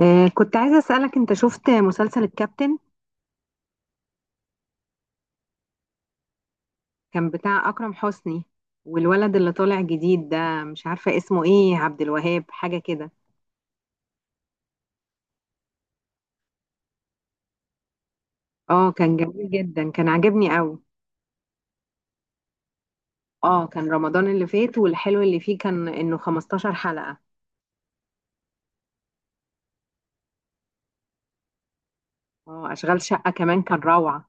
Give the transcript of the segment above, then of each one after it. كنت عايزة أسألك، أنت شفت مسلسل الكابتن؟ كان بتاع أكرم حسني. والولد اللي طالع جديد ده مش عارفة اسمه إيه، عبد الوهاب حاجة كده. اه، كان جميل جدا، كان عاجبني قوي. اه، كان رمضان اللي فات، والحلو اللي فيه كان إنه 15 حلقة. اه، أشغال شقة كمان كان روعة.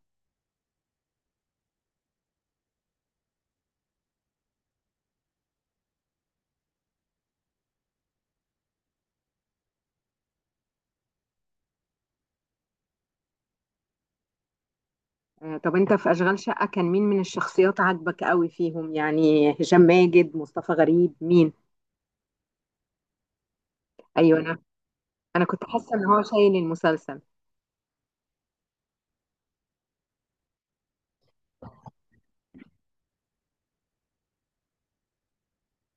طب أنت في أشغال شقة، كان مين من الشخصيات عاجبك قوي فيهم؟ يعني هشام ماجد، مصطفى غريب، مين؟ أيوة. أنا كنت حاسة إن هو شايل المسلسل.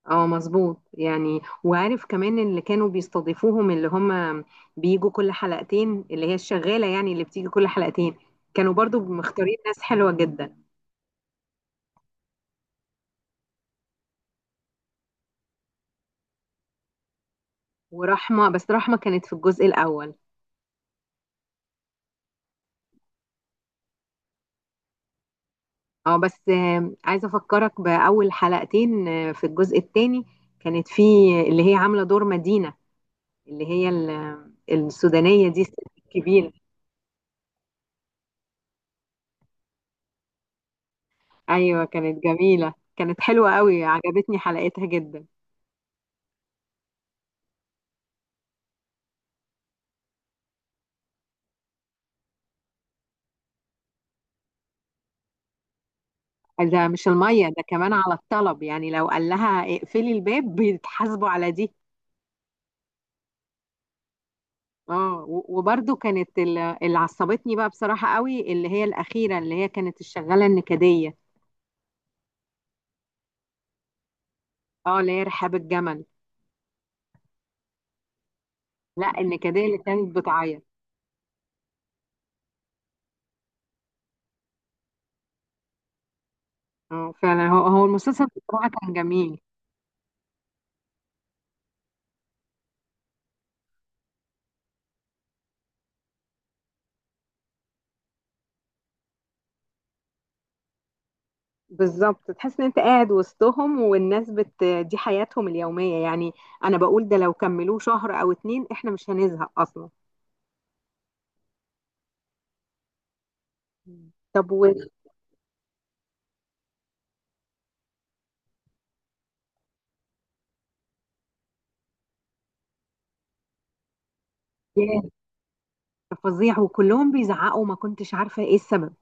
اه، مظبوط، يعني وعارف كمان اللي كانوا بيستضيفوهم، اللي هم بيجوا كل حلقتين، اللي هي الشغالة، يعني اللي بتيجي كل حلقتين، كانوا برضو مختارين ناس حلوة جدا. ورحمة، بس رحمة كانت في الجزء الأول. اه بس عايزة أفكرك بأول حلقتين في الجزء الثاني، كانت في اللي هي عاملة دور مدينة، اللي هي السودانية دي، الست الكبيرة. أيوة، كانت جميلة، كانت حلوة قوي، عجبتني حلقتها جدا. ده مش المية، ده كمان على الطلب، يعني لو قال لها اقفلي الباب بيتحاسبوا على دي. اه، و- وبرضو كانت اللي عصبتني بقى بصراحة قوي، اللي هي الأخيرة، اللي هي كانت الشغالة النكدية. اه، اللي هي رحاب الجمل. لا، النكدية اللي كانت بتعيط. اه، فعلا، هو المسلسل بصراحة كان جميل. بالظبط، تحس ان انت قاعد وسطهم، والناس بت دي حياتهم اليومية يعني. انا بقول، ده لو كملوه شهر او 2 احنا مش هنزهق اصلا. طب. فظيع، وكلهم بيزعقوا، ما كنتش عارفة ايه السبب.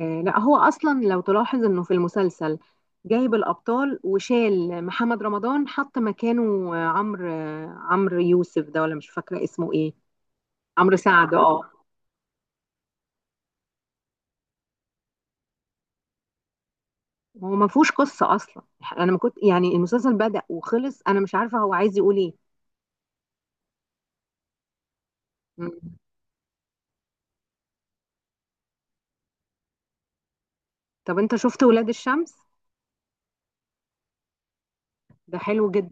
لا، هو اصلا لو تلاحظ انه في المسلسل، جايب الابطال وشال محمد رمضان، حط مكانه عمرو يوسف ده، ولا مش فاكرة اسمه ايه. عمرو سعد. اه، هو ما فيهوش قصة اصلا. انا ما كنت، يعني المسلسل بدأ وخلص، انا مش عارفة هو عايز يقول ايه. مم. طب، انت شفت ولاد الشمس؟ ده حلو جدا.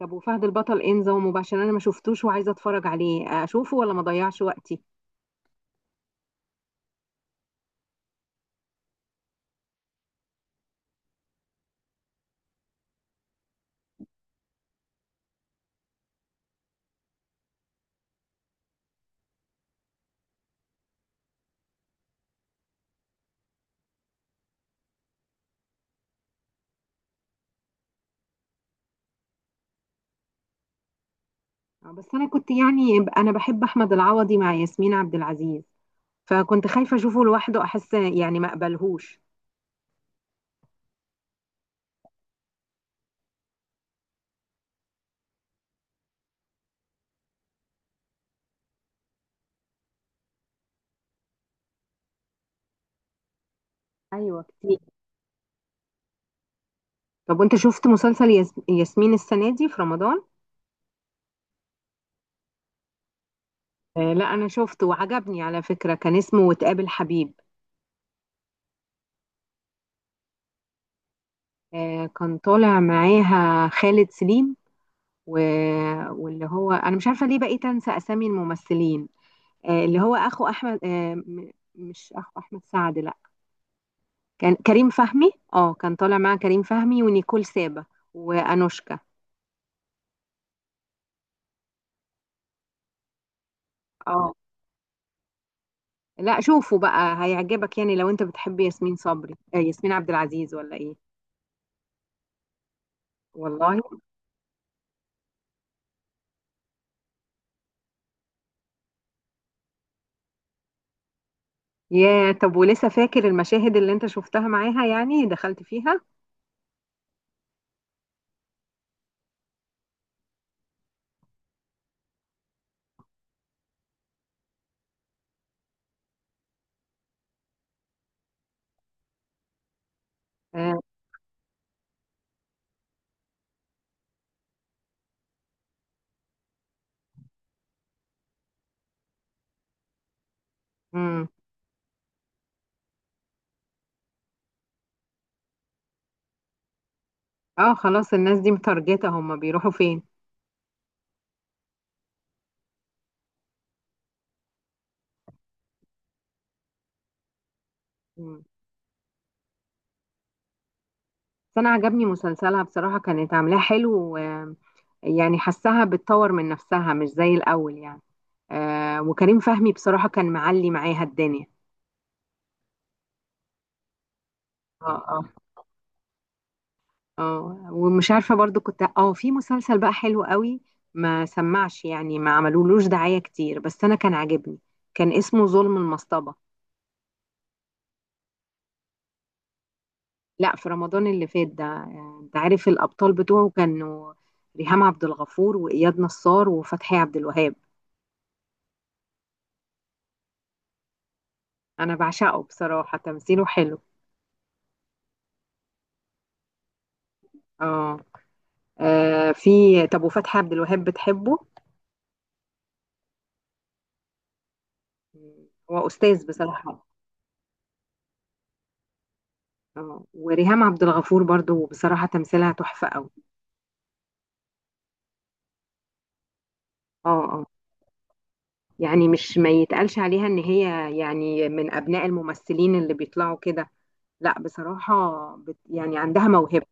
طب وفهد البطل، انزه ومباشر، انا ما شفتوش وعايزة اتفرج عليه، اشوفه ولا ما اضيعش وقتي؟ بس انا كنت يعني انا بحب احمد العوضي مع ياسمين عبد العزيز، فكنت خايفه اشوفه لوحده، احس يعني ما اقبلهوش. ايوه، كتير. طب وانت شفت مسلسل ياسمين السنه دي في رمضان؟ لا، انا شفته وعجبني على فكره، كان اسمه وتقابل حبيب. كان طالع معاها خالد سليم. و... واللي هو، انا مش عارفه ليه بقيت انسى اسامي الممثلين. اللي هو اخو احمد مش اخو احمد سعد، لا. كان كريم فهمي، كان طالع مع كريم فهمي ونيكول سابا، وانوشكا. اه، لا، شوفوا بقى هيعجبك، يعني لو انت بتحب ياسمين صبري ياسمين عبد العزيز ولا ايه؟ والله. يا طب، ولسه فاكر المشاهد اللي انت شفتها معاها، يعني دخلت فيها؟ اه. مم. خلاص، الناس دي متارجتة، هم بيروحوا فين؟ مم. بس انا عجبني مسلسلها بصراحة، كانت عاملاه حلو. يعني حسها بتطور من نفسها مش زي الاول يعني. وكريم فهمي بصراحة كان معلي معاها الدنيا. اه، اه. اه، ومش عارفه، برضو كنت في مسلسل بقى حلو قوي، ما سمعش يعني، ما عملولوش دعايه كتير، بس انا كان عاجبني. كان اسمه ظلم المصطبه. لا، في رمضان اللي فات ده. انت عارف الابطال بتوعه كانوا ريهام عبد الغفور، واياد نصار، وفتحي عبد الوهاب. انا بعشقه بصراحه، تمثيله حلو. اه. في. طب وفتحي عبد الوهاب بتحبه؟ مم. هو استاذ بصراحه. اه، وريهام عبد الغفور برضو، بصراحه تمثيلها تحفه قوي. اه، اه. يعني مش ما يتقالش عليها ان هي يعني من ابناء الممثلين اللي بيطلعوا كده. لا بصراحة، بت يعني عندها موهبة.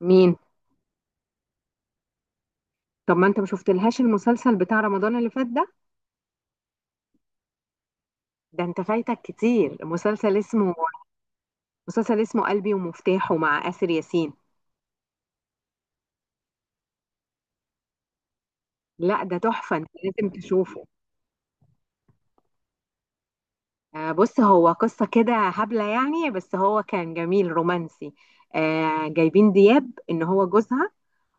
مين؟ طب ما انت ما شفتلهاش المسلسل بتاع رمضان اللي فات ده؟ ده انت فايتك كتير، مسلسل اسمه قلبي ومفتاحه مع آسر ياسين. لا، ده تحفة، انت لازم تشوفه. بص، هو قصة كده هبلة يعني، بس هو كان جميل رومانسي. جايبين دياب ان هو جوزها،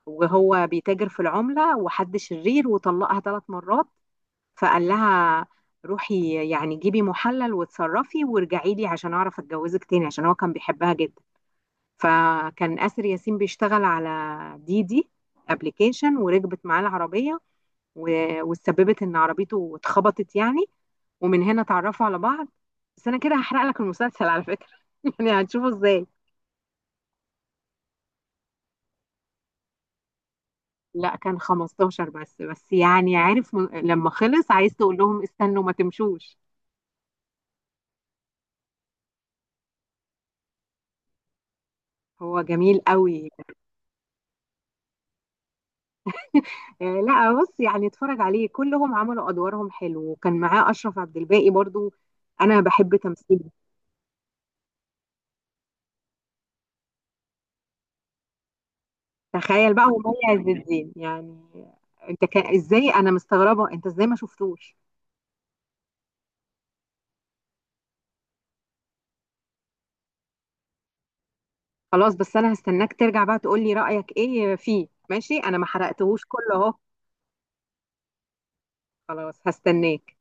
وهو بيتاجر في العملة، وحد شرير، وطلقها 3 مرات. فقال لها روحي يعني جيبي محلل واتصرفي وارجعي لي، عشان اعرف اتجوزك تاني، عشان هو كان بيحبها جدا. فكان آسر ياسين بيشتغل على دي ابلكيشن، وركبت معاه العربية، و- واتسببت ان عربيته اتخبطت يعني. ومن هنا اتعرفوا على بعض. بس انا كده هحرق لك المسلسل على فكرة. يعني هتشوفه ازاي؟ لا، كان 15 بس، يعني عارف، لما خلص عايز تقول لهم استنوا ما تمشوش. هو جميل قوي. لا، بص يعني اتفرج عليه، كلهم عملوا ادوارهم حلو، وكان معاه اشرف عبد الباقي برضو. انا بحب تمثيله. تخيل بقى، ومي عز الدين يعني، انت كان ازاي؟ انا مستغربه انت ازاي ما شفتوش. خلاص، بس انا هستناك ترجع بقى تقول لي رايك ايه فيه، ماشي؟ انا ما حرقتهوش كله اهو. خلاص، هستناك.